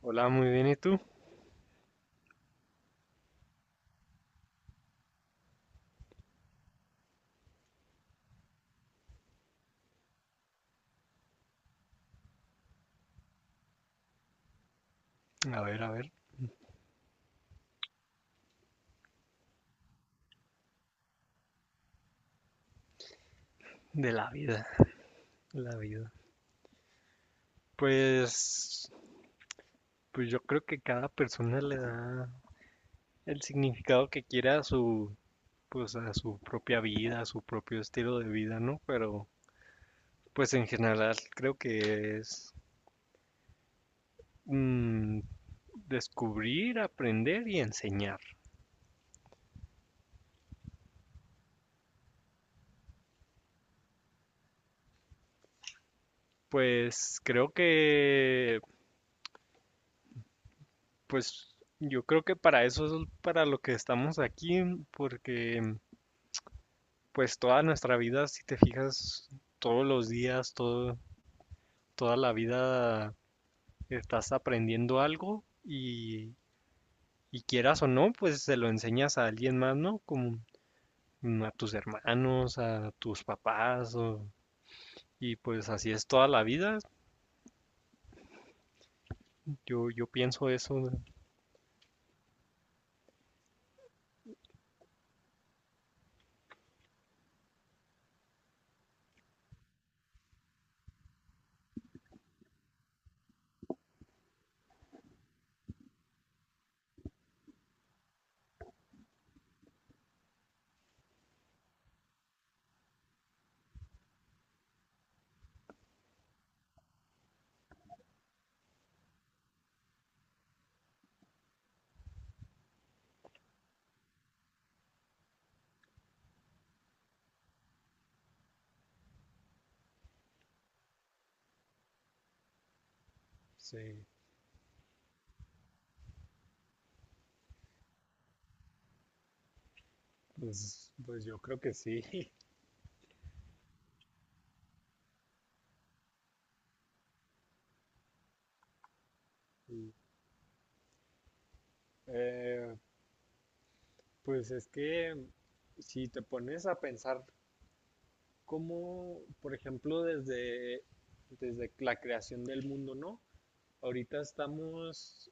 Hola, muy bien, ¿y tú? A ver, de la vida, la vida. Pues, pues yo creo que cada persona le da el significado que quiera a pues a su propia vida, a su propio estilo de vida, ¿no? Pero, pues en general creo que es mm, descubrir, aprender y enseñar. Pues creo que, pues yo creo que para eso es para lo que estamos aquí, porque pues toda nuestra vida, si te fijas, todos los días, todo, toda la vida estás aprendiendo algo y quieras o no, pues se lo enseñas a alguien más, ¿no? Como a tus hermanos, a tus papás, y pues así es toda la vida. Yo pienso eso, ¿no? Sí, pues yo creo que sí. Y, eh, pues es que si te pones a pensar cómo, por ejemplo, desde la creación del mundo, ¿no? Ahorita estamos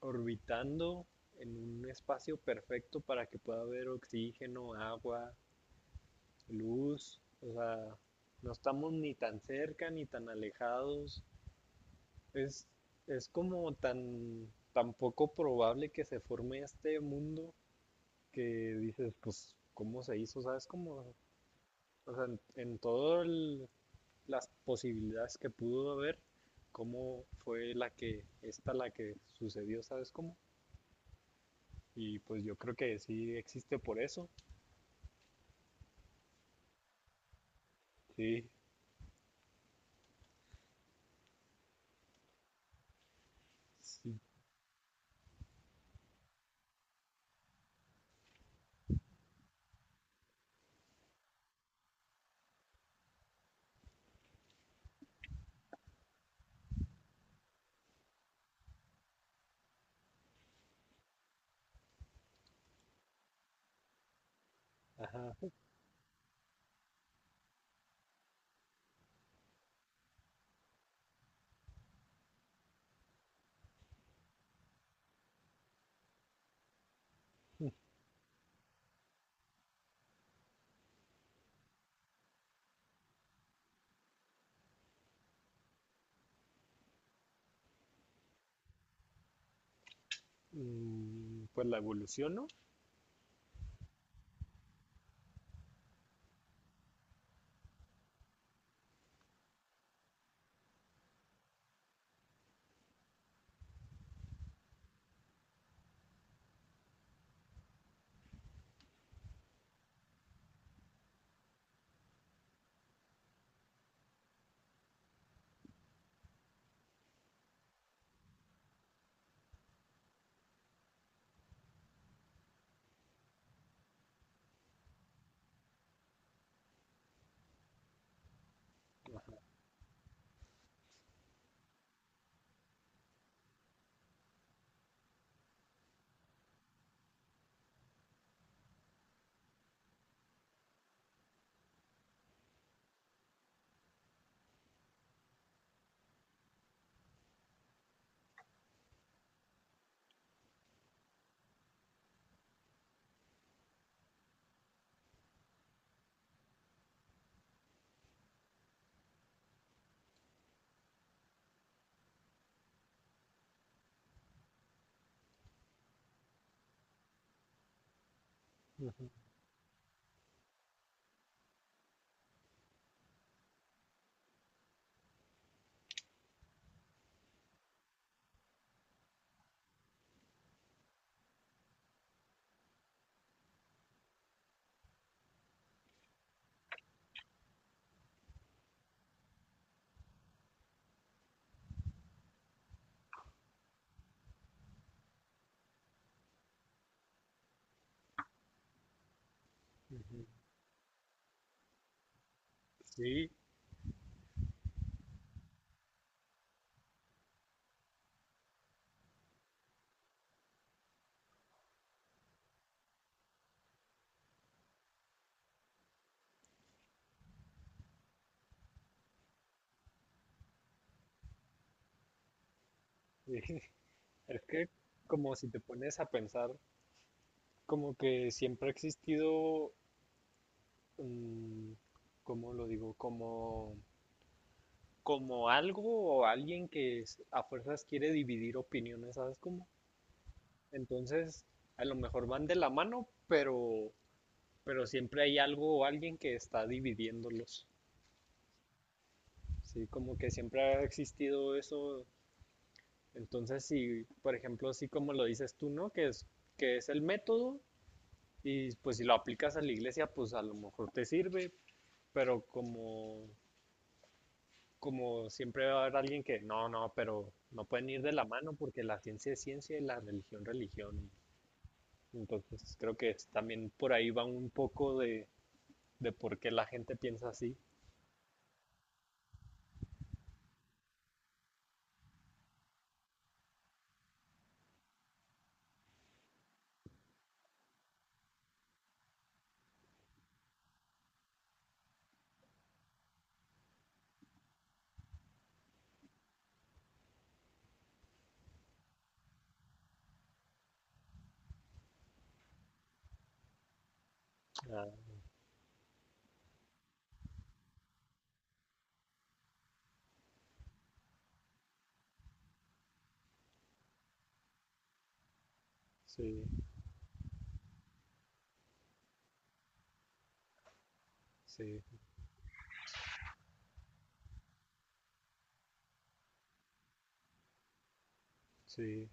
orbitando en un espacio perfecto para que pueda haber oxígeno, agua, luz, o sea, no estamos ni tan cerca ni tan alejados. Es, es como tan poco probable que se forme este mundo que dices, pues, ¿cómo se hizo? ¿Sabes? Como, o sea, en todas las posibilidades que pudo haber, cómo fue esta la que sucedió, ¿sabes cómo? Y pues yo creo que sí existe por eso. Sí, sí. Ajá. Mm, pues la evolución, ¿no? Ajá, ajá, ajá. Sí, sí. Es que, como si te pones a pensar, como que siempre ha existido, mm, ¿cómo lo digo? Como, como algo o alguien a fuerzas quiere dividir opiniones, ¿sabes cómo? Entonces, a lo mejor van de la mano, pero siempre hay algo o alguien que está dividiéndolos. Sí, como que siempre ha existido eso. Entonces, si, por ejemplo, así como lo dices tú, ¿no? Que es el método, y pues si lo aplicas a la iglesia, pues a lo mejor te sirve, pero como siempre va a haber alguien que no, no, pero no pueden ir de la mano porque la ciencia es ciencia y la religión religión. Entonces creo que también por ahí va un poco de por qué la gente piensa así. Ah, sí, sí, sí.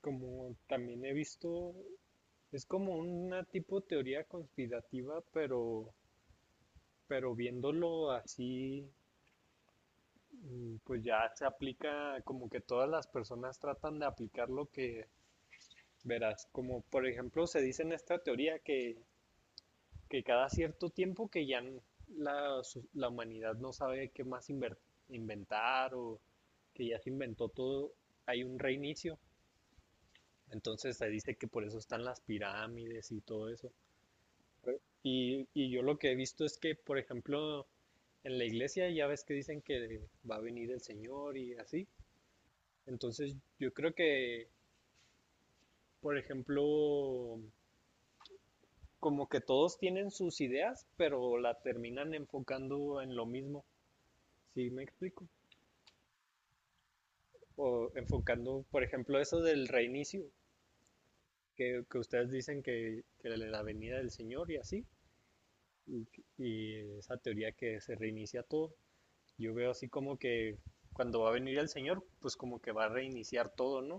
Como también he visto, es como una tipo teoría conspirativa, pero viéndolo así, mm, pues ya se aplica como que todas las personas tratan de aplicar lo que... Verás, como por ejemplo se dice en esta teoría que cada cierto tiempo la humanidad no sabe qué más inventar o que ya se inventó todo, hay un reinicio. Entonces se dice que por eso están las pirámides y todo eso. Y yo lo que he visto es que, por ejemplo, en la iglesia ya ves que dicen que va a venir el Señor y así. Entonces yo creo que, por ejemplo, como que todos tienen sus ideas, pero la terminan enfocando en lo mismo, ¿sí me explico? O enfocando, por ejemplo, eso del reinicio, que ustedes dicen que la venida del Señor y así, y, y esa teoría que se reinicia todo, yo veo así como que cuando va a venir el Señor, pues como que va a reiniciar todo, ¿no?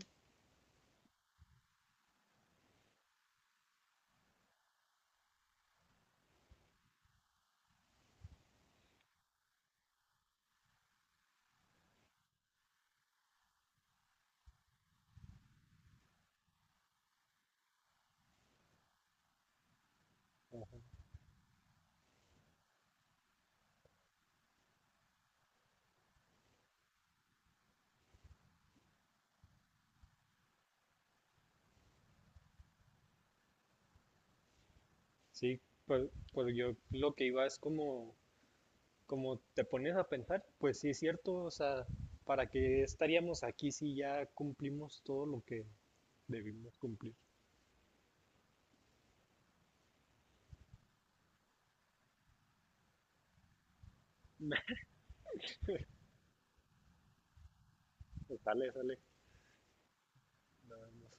Ajá. Sí, pues yo lo que iba es como, como te pones a pensar, pues sí es cierto, o sea, ¿para qué estaríamos aquí si ya cumplimos todo lo que debimos cumplir? Sale, sale, nada más.